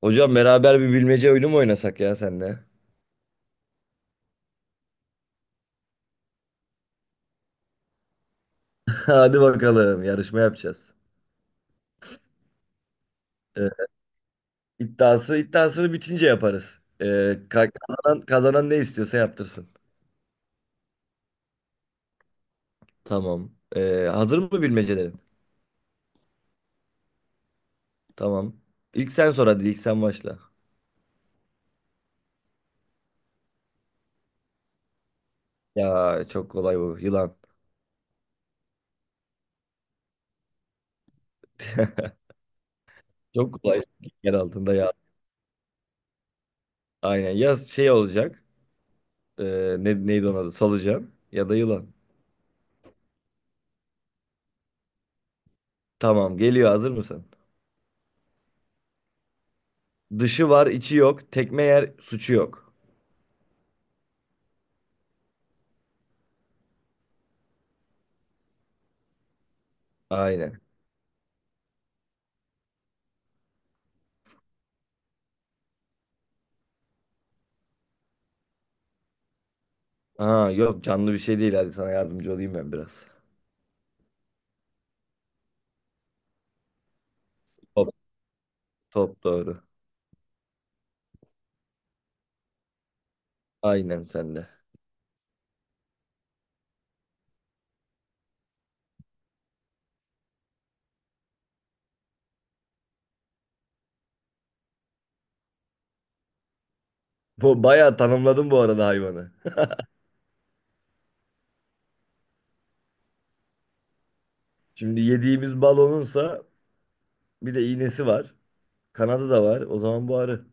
Hocam beraber bir bilmece oyunu mu oynasak ya senle? Hadi bakalım yarışma yapacağız. Ee, iddiası iddiasını bitince yaparız. Kazanan, kazanan ne istiyorsa yaptırsın. Tamam. Hazır mı bilmecelerin? Tamam. İlk sen sor hadi ilk sen başla. Ya çok kolay bu yılan. Çok kolay. Yer altında ya. Aynen ya şey olacak. Ee, ne, neydi onun adı? Solucan ya da yılan. Tamam geliyor hazır mısın? Dışı var içi yok. Tekme yer suçu yok. Aynen. Aa, yok canlı bir şey değil. Hadi sana yardımcı olayım ben biraz. Top, top doğru. Aynen sende. Bu bayağı tanımladın bu arada hayvanı. Şimdi yediğimiz balonunsa bir de iğnesi var. Kanadı da var. O zaman bu arı.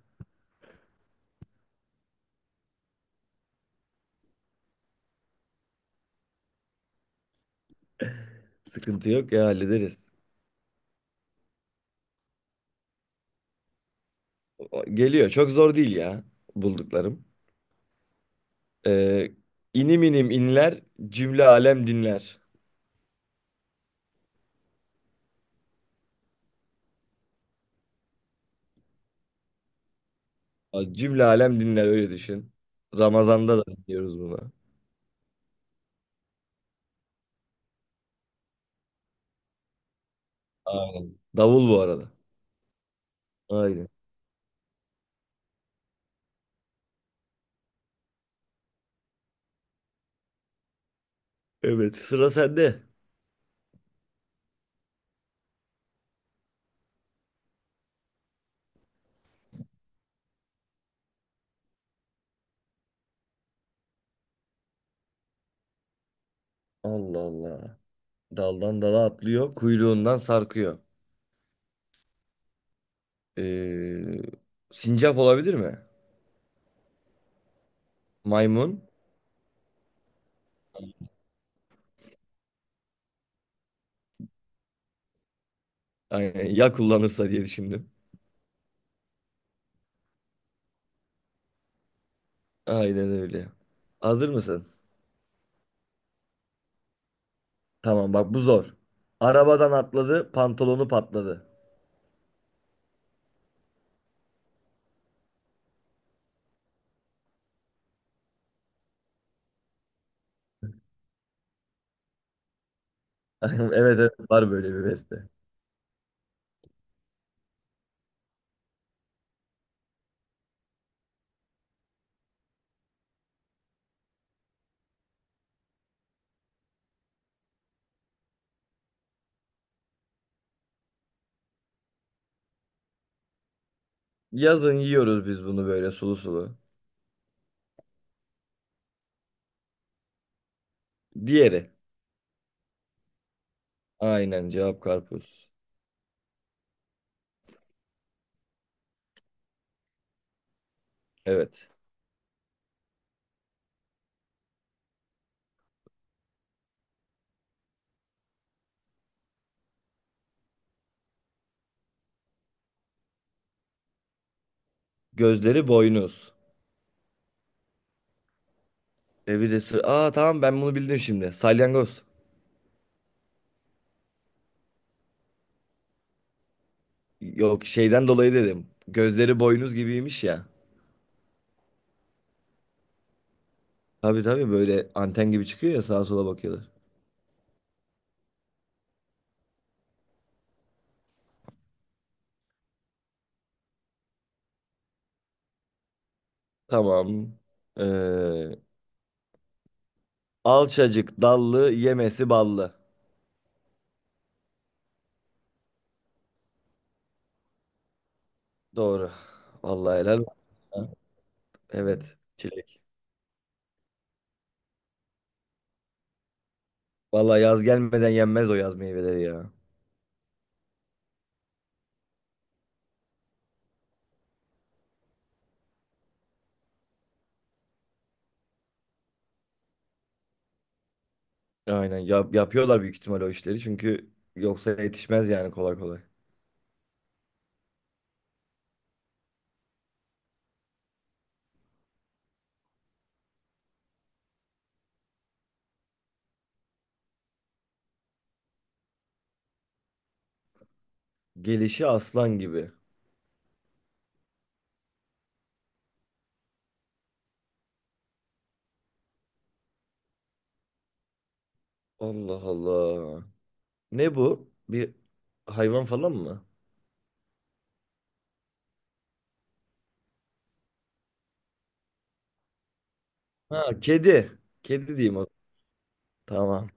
Sıkıntı yok ya hallederiz. Geliyor. Çok zor değil ya bulduklarım. Ee, inim inim inler cümle alem dinler. Aa, cümle alem dinler öyle düşün. Ramazan'da da dinliyoruz bunu. Aynen. Davul bu arada. Aynen. Evet sıra sende. Allah Allah. Daldan dala atlıyor, kuyruğundan sarkıyor. Ee, sincap olabilir mi? Maymun. Aynen, ya kullanırsa diye düşündüm. Aynen öyle. Hazır mısın? Tamam bak bu zor. Arabadan atladı, pantolonu patladı. Evet evet var böyle bir beste. Yazın yiyoruz biz bunu böyle sulu sulu. Diğeri. Aynen cevap karpuz. Evet. Gözleri boynuz. E bir de Aa, tamam ben bunu bildim şimdi. Salyangoz. Yok şeyden dolayı dedim. Gözleri boynuz gibiymiş ya. Tabii tabii böyle anten gibi çıkıyor ya sağa sola bakıyorlar. Tamam. Ee, alçacık dallı yemesi ballı. Doğru. Vallahi helal olsun. Evet. Çilek. Vallahi yaz gelmeden yenmez o yaz meyveleri ya. Aynen. Yap- yapıyorlar büyük ihtimal o işleri. Çünkü yoksa yetişmez yani kolay kolay. Gelişi aslan gibi. Allah Allah. Ne bu? Bir hayvan falan mı? Ha, kedi. Kedi diyeyim. Tamam.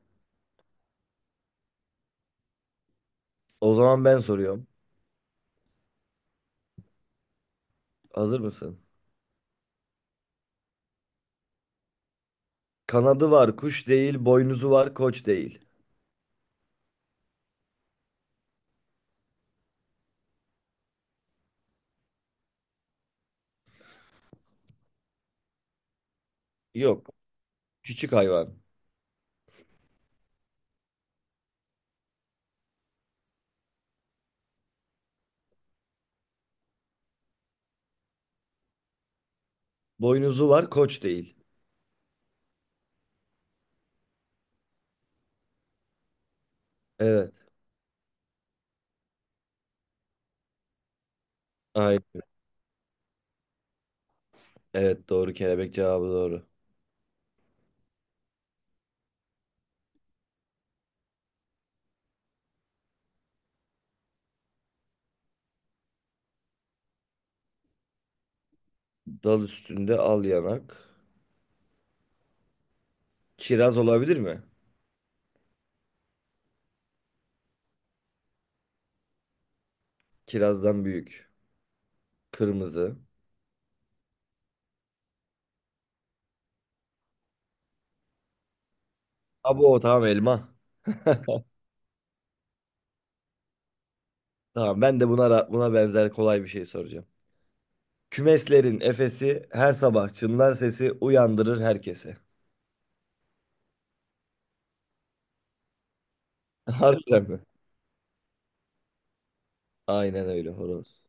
O zaman ben soruyorum. Hazır mısın? Kanadı var, kuş değil, boynuzu var, koç değil. Yok, küçük hayvan. Boynuzu var, koç değil. Evet. Aynen. Evet, doğru. Kelebek cevabı doğru. Dal üstünde al yanak. Kiraz olabilir mi? Kirazdan büyük. Kırmızı. Abo tamam elma. Tamam ben de buna buna benzer kolay bir şey soracağım. Kümeslerin efesi her sabah çınlar sesi uyandırır herkese. Harbiden mi? Aynen öyle horoz.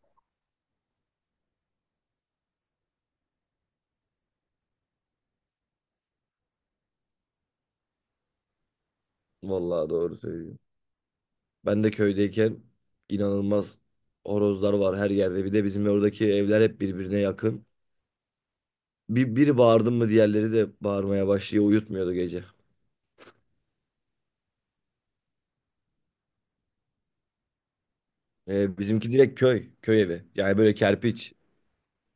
Vallahi doğru söylüyorsun. Ben de köydeyken inanılmaz horozlar var her yerde. Bir de bizim oradaki evler hep birbirine yakın. Bir, biri bağırdı mı diğerleri de bağırmaya başlıyor. Uyutmuyordu gece. Bizimki direkt köy. Köy evi. Yani böyle kerpiç.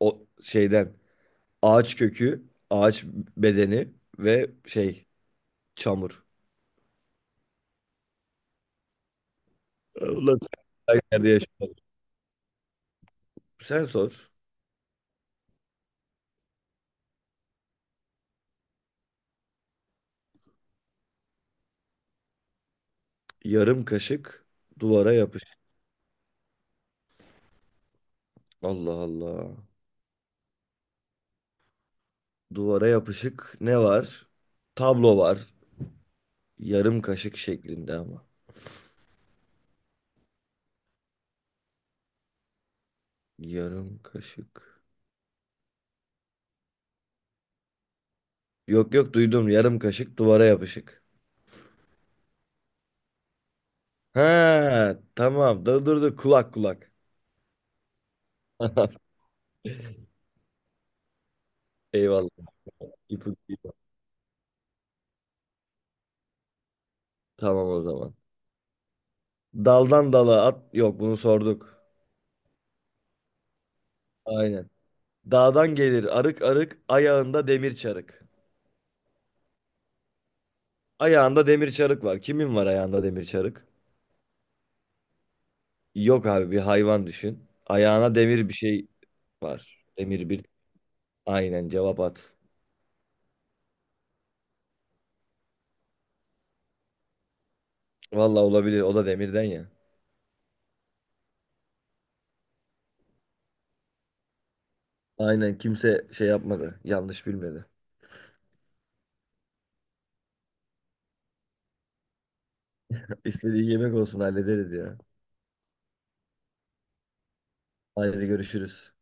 O şeyden. Ağaç kökü, ağaç bedeni ve şey çamur. Ulan sen her yerde yaşıyorsun. Sen sor. Yarım kaşık duvara yapışık. Allah Allah. Duvara yapışık ne var? Tablo var. Yarım kaşık şeklinde ama. Yarım kaşık. Yok yok duydum. Yarım kaşık duvara yapışık. Ha tamam. Dur dur dur. Kulak kulak. Eyvallah. İpucu. Tamam o zaman. Daldan dala at. Yok bunu sorduk. Aynen. Dağdan gelir arık arık ayağında demir çarık. Ayağında demir çarık var. Kimin var ayağında demir çarık? Yok abi bir hayvan düşün. Ayağına demir bir şey var. Demir bir. Aynen cevap at. Vallahi olabilir. O da demirden ya. Aynen kimse şey yapmadı. Yanlış bilmedi. İstediği yemek olsun hallederiz ya. Haydi görüşürüz.